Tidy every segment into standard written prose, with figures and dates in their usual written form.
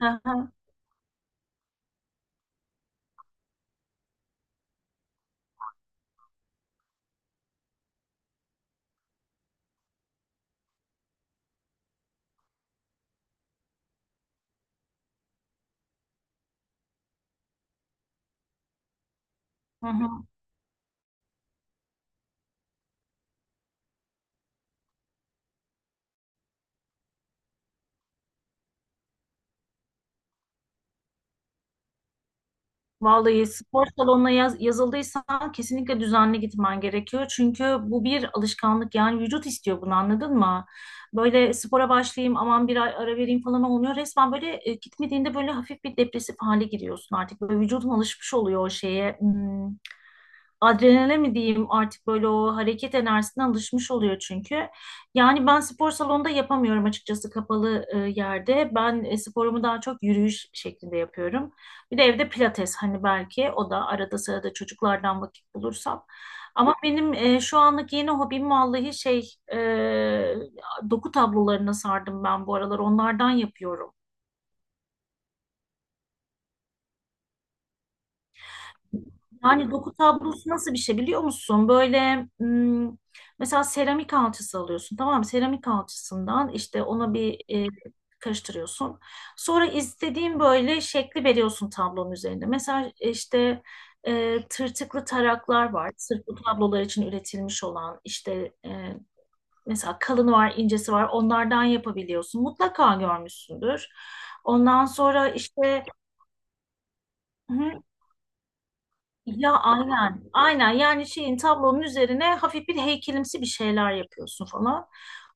Hı hı, hı hı. Vallahi spor salonuna yazıldıysan kesinlikle düzenli gitmen gerekiyor. Çünkü bu bir alışkanlık, yani vücut istiyor bunu, anladın mı? Böyle spora başlayayım aman, bir ay ara vereyim falan olmuyor. Resmen böyle gitmediğinde böyle hafif bir depresif hale giriyorsun artık. Böyle vücudun alışmış oluyor o şeye. Hmm. Adrenale mi diyeyim artık, böyle o hareket enerjisine alışmış oluyor çünkü. Yani ben spor salonunda yapamıyorum açıkçası, kapalı yerde. Ben sporumu daha çok yürüyüş şeklinde yapıyorum. Bir de evde pilates, hani belki o da arada sırada, çocuklardan vakit bulursam. Ama benim şu anlık yeni hobim, vallahi şey doku tablolarına sardım ben bu aralar, onlardan yapıyorum. Yani doku tablosu nasıl bir şey, biliyor musun? Böyle mesela seramik alçısı alıyorsun, tamam mı? Seramik alçısından işte ona bir karıştırıyorsun. Sonra istediğin böyle şekli veriyorsun tablonun üzerinde. Mesela işte tırtıklı taraklar var. Sırf bu tablolar için üretilmiş olan, işte mesela kalını var, incesi var. Onlardan yapabiliyorsun. Mutlaka görmüşsündür. Ondan sonra işte, hı, ya aynen, aynen, yani şeyin, tablonun üzerine hafif bir heykelimsi bir şeyler yapıyorsun falan.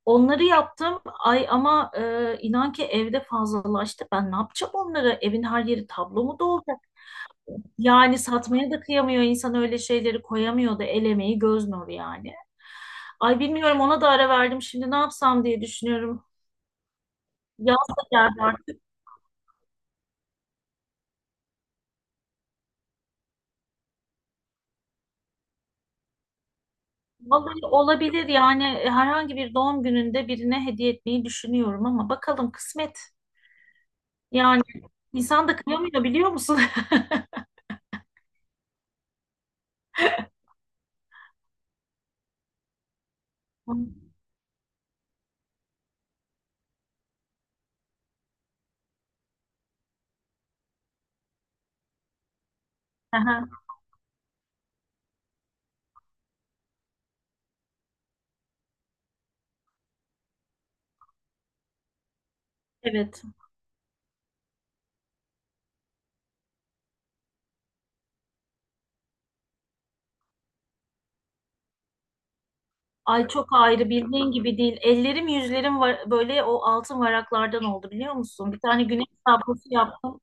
Onları yaptım. Ay ama inan ki evde fazlalaştı. Ben ne yapacağım onları? Evin her yeri tablo mu dolacak? Yani satmaya da kıyamıyor insan, öyle şeyleri koyamıyor da, el emeği göz nuru yani. Ay bilmiyorum, ona da ara verdim. Şimdi ne yapsam diye düşünüyorum. Yaz da geldi artık. Vallahi olabilir yani. Herhangi bir doğum gününde birine hediye etmeyi düşünüyorum ama bakalım, kısmet. Yani insan da kıyamıyor, biliyor musun? Aha, evet. Ay çok ayrı, bildiğin gibi değil. Ellerim yüzlerim var, böyle o altın varaklardan oldu, biliyor musun? Bir tane güneş tablosu yaptım.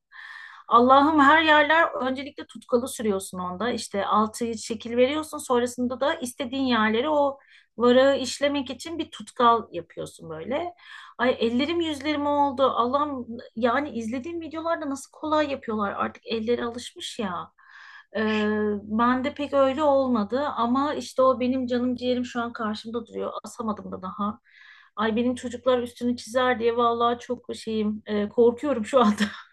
Allah'ım, her yerler. Öncelikle tutkalı sürüyorsun onda. İşte altı şekil veriyorsun. Sonrasında da istediğin yerleri, o varağı işlemek için bir tutkal yapıyorsun böyle. Ay ellerim yüzlerim oldu. Allah'ım, yani izlediğim videolarda nasıl kolay yapıyorlar. Artık elleri alışmış ya. Ee, Ben de pek öyle olmadı ama işte o benim canım ciğerim şu an karşımda duruyor. Asamadım da daha. Ay benim çocuklar üstünü çizer diye, vallahi çok şeyim korkuyorum şu anda.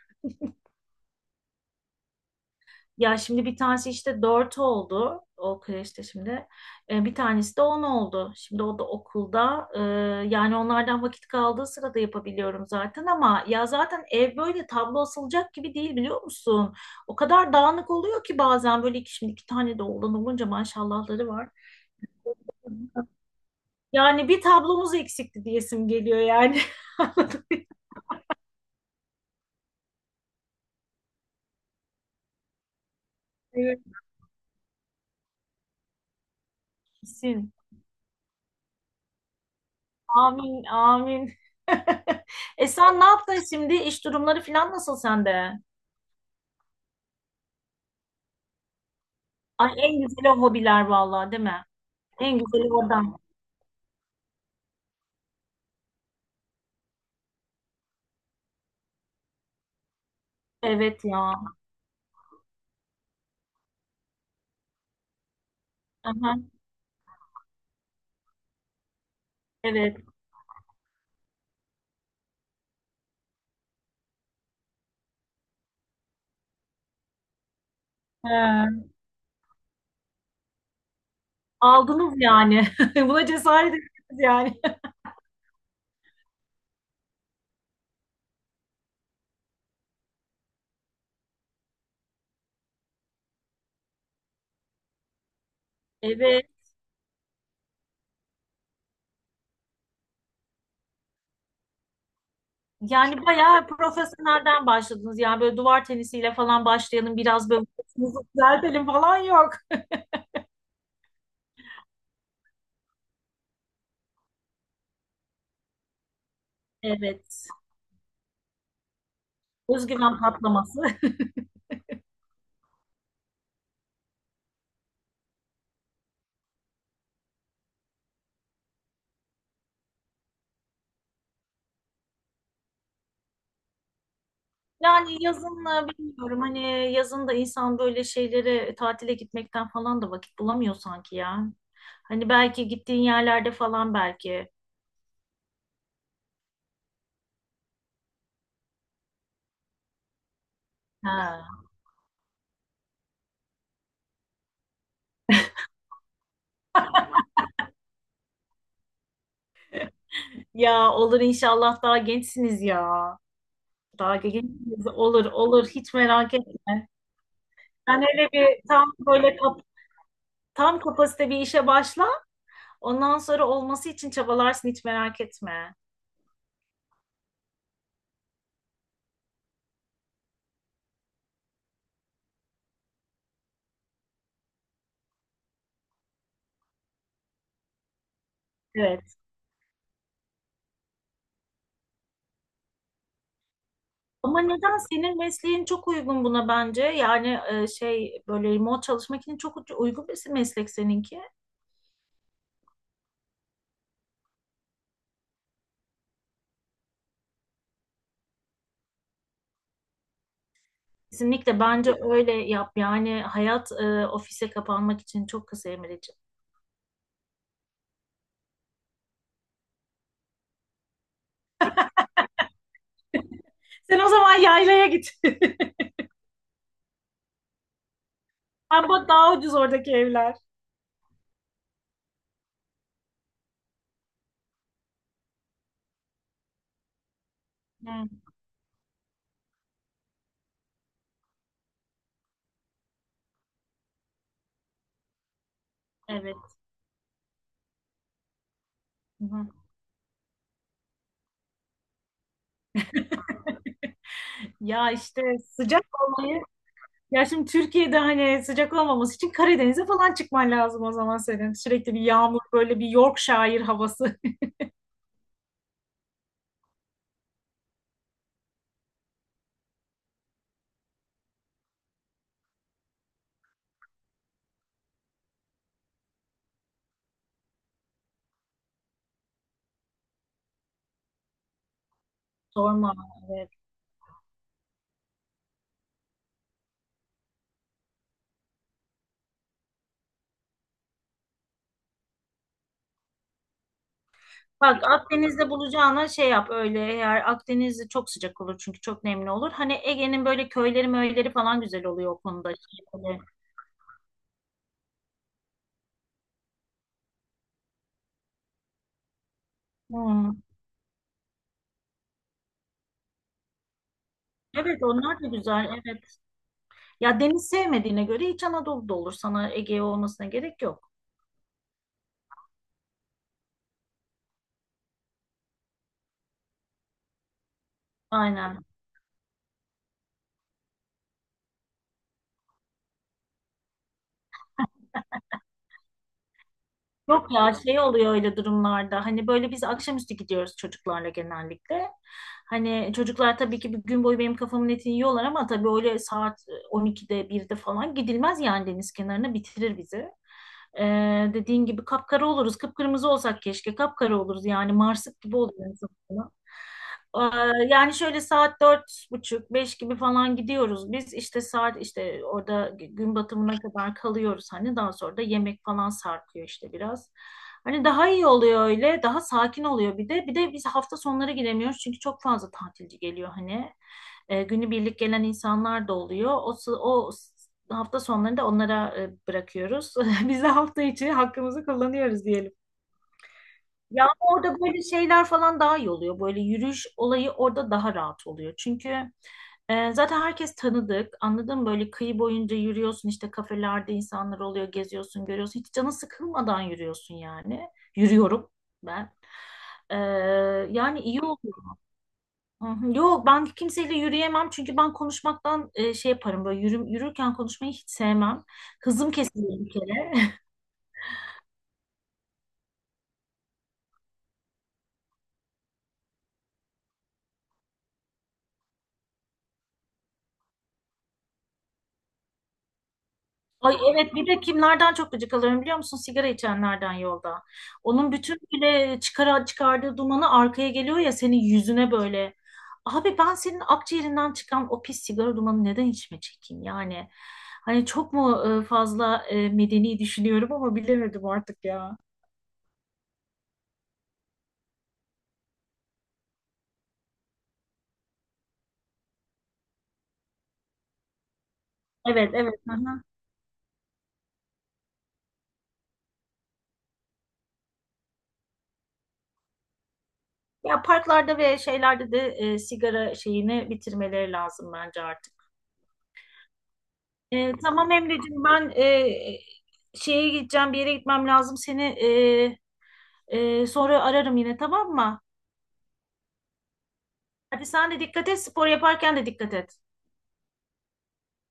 Ya şimdi bir tanesi işte 4 oldu. O kreşte şimdi. Bir tanesi de 10 oldu. Şimdi o da okulda. Yani onlardan vakit kaldığı sırada yapabiliyorum zaten, ama ya zaten ev böyle tablo asılacak gibi değil, biliyor musun? O kadar dağınık oluyor ki bazen, böyle şimdi iki tane de oğlan olunca, maşallahları var. Yani bir tablomuz eksikti diyesim geliyor yani. Anladın mı? Evet, kesin. Amin, amin. Sen ne yaptın şimdi? İş durumları falan nasıl sende? Ay en güzeli o hobiler, vallahi değil mi? En güzeli oradan. Evet ya. Aha, evet. He. Aldınız yani. Buna cesaret ettiniz yani. Evet. Yani bayağı profesyonelden başladınız. Yani böyle duvar tenisiyle falan başlayalım, biraz böyle sesimizi düzeltelim falan, yok. Evet. Özgüven patlaması. Yani yazın bilmiyorum, hani yazın da insan böyle şeylere tatile gitmekten falan da vakit bulamıyor sanki ya. Hani belki gittiğin yerlerde falan, belki. Ha. Ya olur inşallah, daha gençsiniz ya. Daha gençsiniz. Olur olur, hiç merak etme. Sen hele bir tam böyle tam kapasite bir işe başla. Ondan sonra olması için çabalarsın, hiç merak etme. Evet. Ama neden senin mesleğin çok uygun buna bence? Yani şey böyle remote çalışmak için çok uygun bir meslek seninki. Kesinlikle, bence öyle yap. Yani hayat ofise kapanmak için çok kısa Emre'ciğim. Sen o zaman yaylaya git. Ama daha ucuz oradaki evler. Hı, evet. Hı hı. Ya işte sıcak olmayı. Ya şimdi Türkiye'de hani, sıcak olmaması için Karadeniz'e falan çıkman lazım o zaman senin. Sürekli bir yağmur, böyle bir Yorkshire havası. Sorma. Evet. Bak, Akdeniz'de bulacağına şey yap öyle, eğer Akdeniz'de çok sıcak olur çünkü çok nemli olur. Hani Ege'nin böyle köyleri möyleri falan güzel oluyor o konuda. Şey, böyle. Hmm. Evet, onlar da güzel, evet. Ya, deniz sevmediğine göre İç Anadolu'da olur sana, Ege olmasına gerek yok. Aynen. Yok ya, şey oluyor öyle durumlarda. Hani böyle biz akşamüstü gidiyoruz çocuklarla genellikle. Hani çocuklar tabii ki bir gün boyu benim kafamın etini yiyorlar, ama tabii öyle saat 12'de 1'de falan gidilmez yani, deniz kenarına, bitirir bizi. Dediğin gibi kapkara oluruz. Kıpkırmızı olsak keşke, kapkara oluruz yani, marsık gibi oluyor insan. Yani şöyle saat buçuk, beş gibi falan gidiyoruz biz. İşte saat, işte orada gün batımına kadar kalıyoruz, hani daha sonra da yemek falan sarkıyor işte biraz. Hani daha iyi oluyor öyle, daha sakin oluyor bir de. Bir de biz hafta sonları gidemiyoruz çünkü çok fazla tatilci geliyor hani. Günübirlik gelen insanlar da oluyor. O, sı- o s- Hafta sonlarını da onlara bırakıyoruz. Biz de hafta içi hakkımızı kullanıyoruz diyelim. Ya ama orada böyle şeyler falan daha iyi oluyor. Böyle yürüyüş olayı orada daha rahat oluyor. Çünkü zaten herkes tanıdık. Anladın mı? Böyle kıyı boyunca yürüyorsun, işte kafelerde insanlar oluyor, geziyorsun, görüyorsun. Hiç canı sıkılmadan yürüyorsun yani. Yürüyorum ben. Ee, Yani iyi oldu. Hı hı. Yok, ben kimseyle yürüyemem çünkü ben konuşmaktan şey yaparım böyle, yürürken konuşmayı hiç sevmem. Hızım kesilir bir kere. Ay evet, bir de kimlerden çok gıcık alıyorum biliyor musun? Sigara içenlerden, yolda. Onun bütün bile çıkardığı dumanı arkaya geliyor ya, senin yüzüne böyle. Abi ben senin akciğerinden çıkan o pis sigara dumanı neden içime çekeyim yani? Hani çok mu fazla medeni düşünüyorum, ama bilemedim artık ya. Evet, evet. Hı hı. Ya parklarda ve şeylerde de sigara şeyini bitirmeleri lazım bence artık. Tamam Emre'cim, ben şeye gideceğim, bir yere gitmem lazım. Seni sonra ararım yine, tamam mı? Hadi sen de dikkat et, spor yaparken de dikkat et.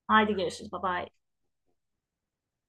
Haydi görüşürüz, bye bye.